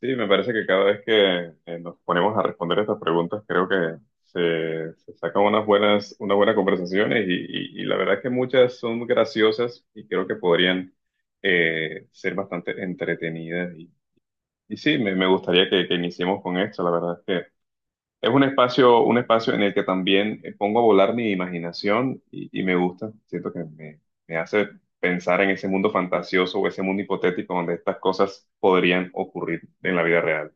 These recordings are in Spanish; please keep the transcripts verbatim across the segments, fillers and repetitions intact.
Sí, me parece que cada vez que eh, nos ponemos a responder estas preguntas, creo que se, se sacan unas buenas, unas buenas conversaciones y, y- y la verdad es que muchas son graciosas y creo que podrían eh, ser bastante entretenidas. Y, y sí, me, me gustaría que, que iniciemos con esto. La verdad es que es un espacio, un espacio en el que también eh, pongo a volar mi imaginación y, y me gusta. Siento que me, me hace pensar en ese mundo fantasioso o ese mundo hipotético donde estas cosas podrían ocurrir en la vida real.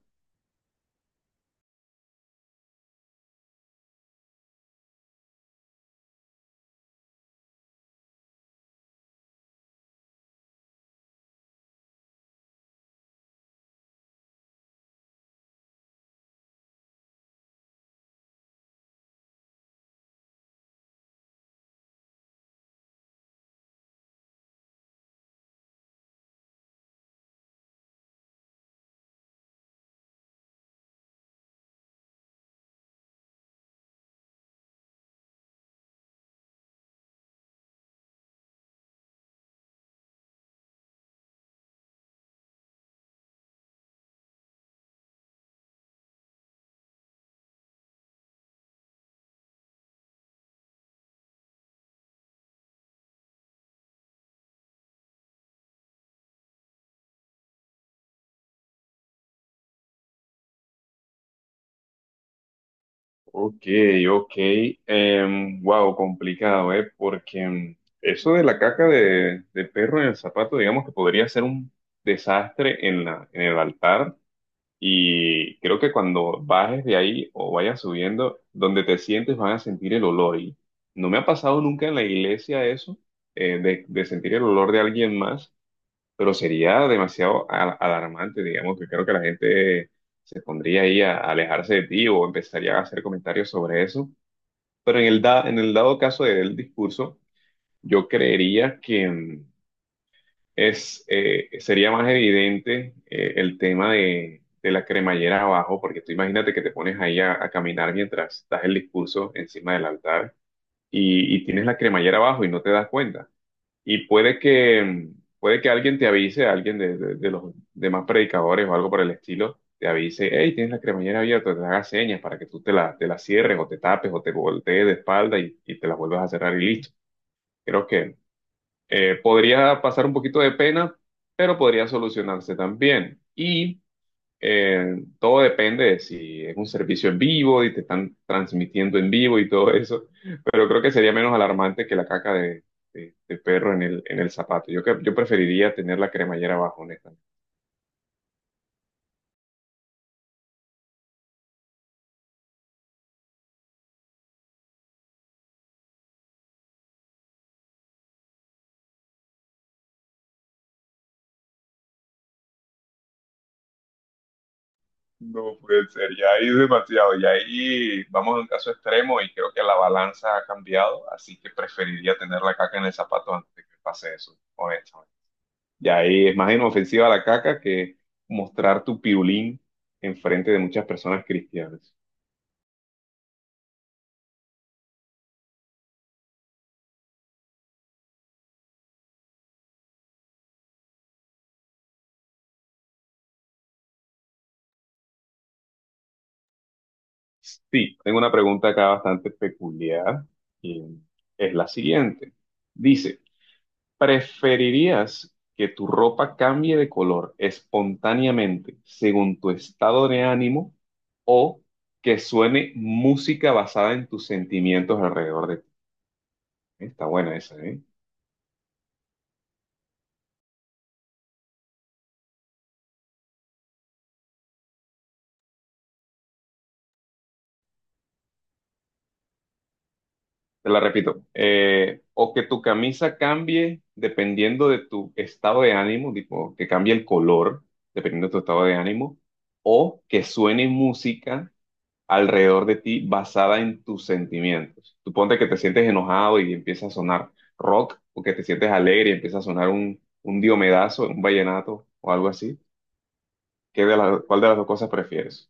Ok, ok. Wow, complicado, ¿eh? Porque em, eso de la caca de, de perro en el zapato, digamos que podría ser un desastre en la, en el altar. Y creo que cuando bajes de ahí o vayas subiendo, donde te sientes van a sentir el olor. Y no me ha pasado nunca en la iglesia eso, eh, de, de sentir el olor de alguien más, pero sería demasiado a- alarmante, digamos, que creo que la gente se pondría ahí a, a alejarse de ti o empezaría a hacer comentarios sobre eso. Pero en el, da- en el dado caso del discurso, yo creería que mm, es, eh, sería más evidente eh, el tema de, de la cremallera abajo, porque tú imagínate que te pones ahí a, a caminar mientras das el discurso encima del altar y, y tienes la cremallera abajo y no te das cuenta y puede que, puede que alguien te avise, alguien de, de- de los demás predicadores o algo por el estilo, te avise: hey, tienes la cremallera abierta, te haga señas para que tú te la, te la cierres o te tapes o te voltees de espalda y, y te la vuelvas a cerrar y listo. Creo que eh, podría pasar un poquito de pena, pero podría solucionarse también. Y eh, todo depende de si es un servicio en vivo y te están transmitiendo en vivo y todo eso, pero creo que sería menos alarmante que la caca de, de- de perro en el, en el zapato. Yo, que- yo preferiría tener la cremallera abajo, honestamente. No puede ser, ya ahí es demasiado, ya ahí vamos a un caso extremo y creo que la balanza ha cambiado, así que preferiría tener la caca en el zapato antes de que pase eso, honestamente. Y ahí es más inofensiva la caca que mostrar tu pirulín enfrente de muchas personas cristianas. Sí, tengo una pregunta acá bastante peculiar y es la siguiente. Dice: ¿preferirías que tu ropa cambie de color espontáneamente según tu estado de ánimo o que suene música basada en tus sentimientos alrededor de ti? Está buena esa, ¿eh? Te la repito. Eh, o que tu camisa cambie dependiendo de tu estado de ánimo, tipo que cambie el color dependiendo de tu estado de ánimo, o que suene música alrededor de ti basada en tus sentimientos. Tú ponte que te sientes enojado y empieza a sonar rock, o que te sientes alegre y empieza a sonar un, un diomedazo, un vallenato o algo así. ¿Qué de las- cuál de las dos cosas prefieres?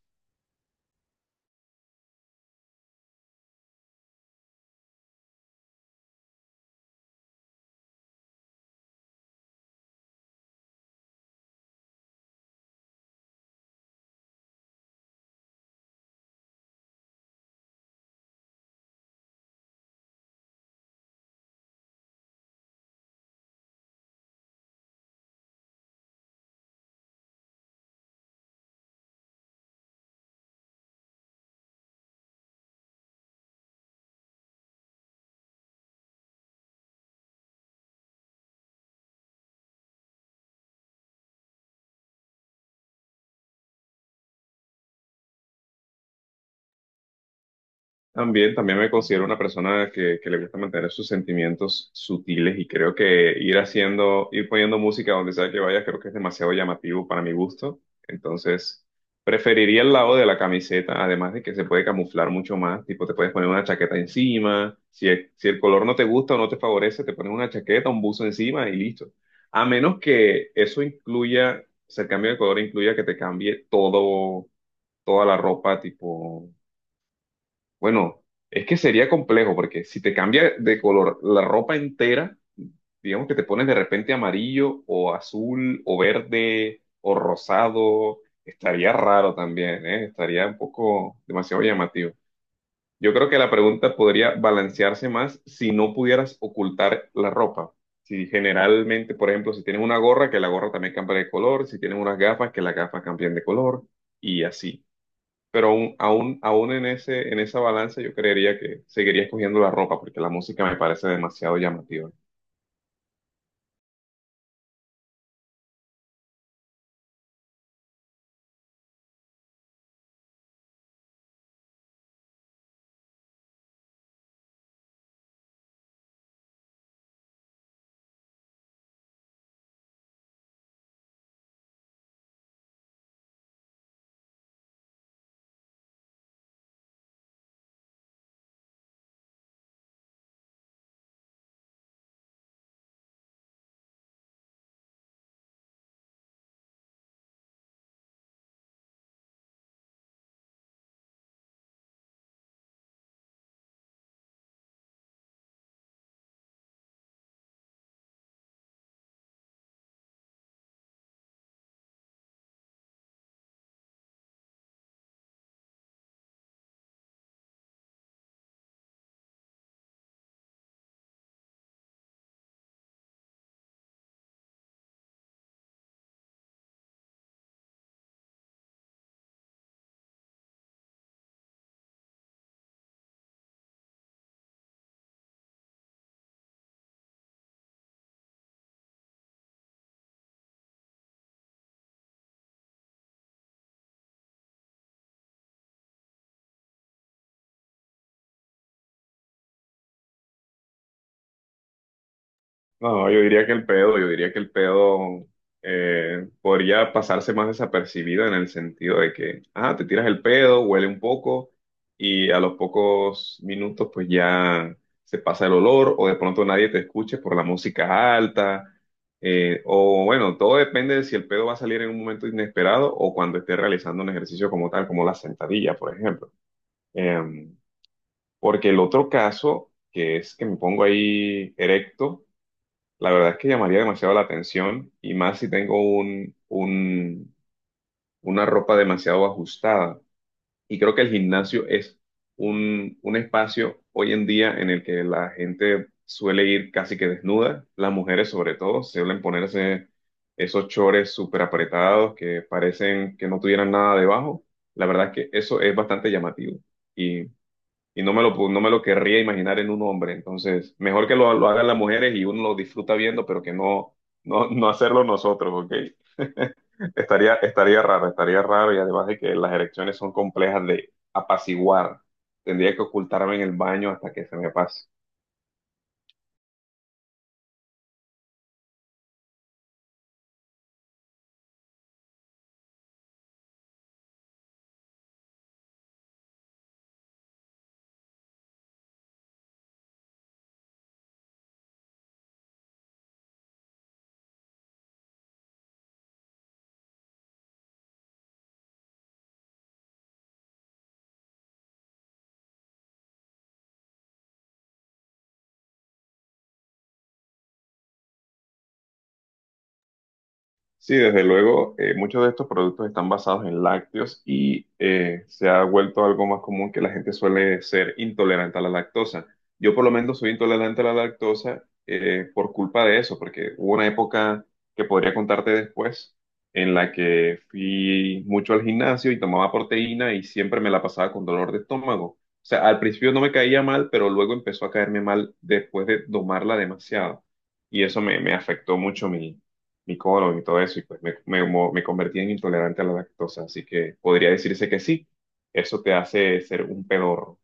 También, también me considero una persona que, que le gusta mantener sus sentimientos sutiles y creo que ir haciendo, ir poniendo música donde sea que vaya, creo que es demasiado llamativo para mi gusto. Entonces, preferiría el lado de la camiseta, además de que se puede camuflar mucho más, tipo te puedes poner una chaqueta encima, si, el- si el color no te gusta o no te favorece, te pones una chaqueta, un buzo encima y listo. A menos que eso incluya, o sea, el cambio de color incluya que te cambie todo, toda la ropa, tipo bueno, es que sería complejo porque si te cambia de color la ropa entera, digamos que te pones de repente amarillo o azul o verde o rosado, estaría raro también, ¿eh? Estaría un poco demasiado llamativo. Yo creo que la pregunta podría balancearse más si no pudieras ocultar la ropa. Si generalmente, por ejemplo, si tienes una gorra, que la gorra también cambie de color, si tienes unas gafas, que las gafas cambien de color y así, pero aún, aún, aún en ese, en esa balanza yo creería que seguiría escogiendo la ropa porque la música me parece demasiado llamativa. No, no, yo diría que el pedo, yo diría que el pedo eh, podría pasarse más desapercibido en el sentido de que, ah, te tiras el pedo, huele un poco y a los pocos minutos pues ya se pasa el olor o de pronto nadie te escuche por la música alta, eh, o bueno, todo depende de si el pedo va a salir en un momento inesperado o cuando esté realizando un ejercicio como tal, como la sentadilla, por ejemplo. Em, Porque el otro caso, que es que me pongo ahí erecto, la verdad es que llamaría demasiado la atención y más si tengo un, un- una ropa demasiado ajustada. Y creo que el gimnasio es un, un espacio hoy en día en el que la gente suele ir casi que desnuda, las mujeres sobre todo, suelen ponerse esos chores súper apretados que parecen que no tuvieran nada debajo. La verdad es que eso es bastante llamativo y no me lo, pu- no me lo querría imaginar en un hombre. Entonces, mejor que lo, lo hagan las mujeres y uno lo disfruta viendo, pero que no, no, no hacerlo nosotros, ¿ok? Estaría, estaría raro, estaría raro y además de que las erecciones son complejas de apaciguar. Tendría que ocultarme en el baño hasta que se me pase. Sí, desde luego, eh, muchos de estos productos están basados en lácteos y eh, se ha vuelto algo más común que la gente suele ser intolerante a la lactosa. Yo por lo menos soy intolerante a la lactosa eh, por culpa de eso, porque hubo una época que podría contarte después en la que fui mucho al gimnasio y tomaba proteína y siempre me la pasaba con dolor de estómago. O sea, al principio no me caía mal, pero luego empezó a caerme mal después de tomarla demasiado. Y eso me, me afectó mucho mi colon y todo eso, y pues me, me, mo- me convertí en intolerante a la lactosa, así que podría decirse que sí, eso te hace ser un pedorro.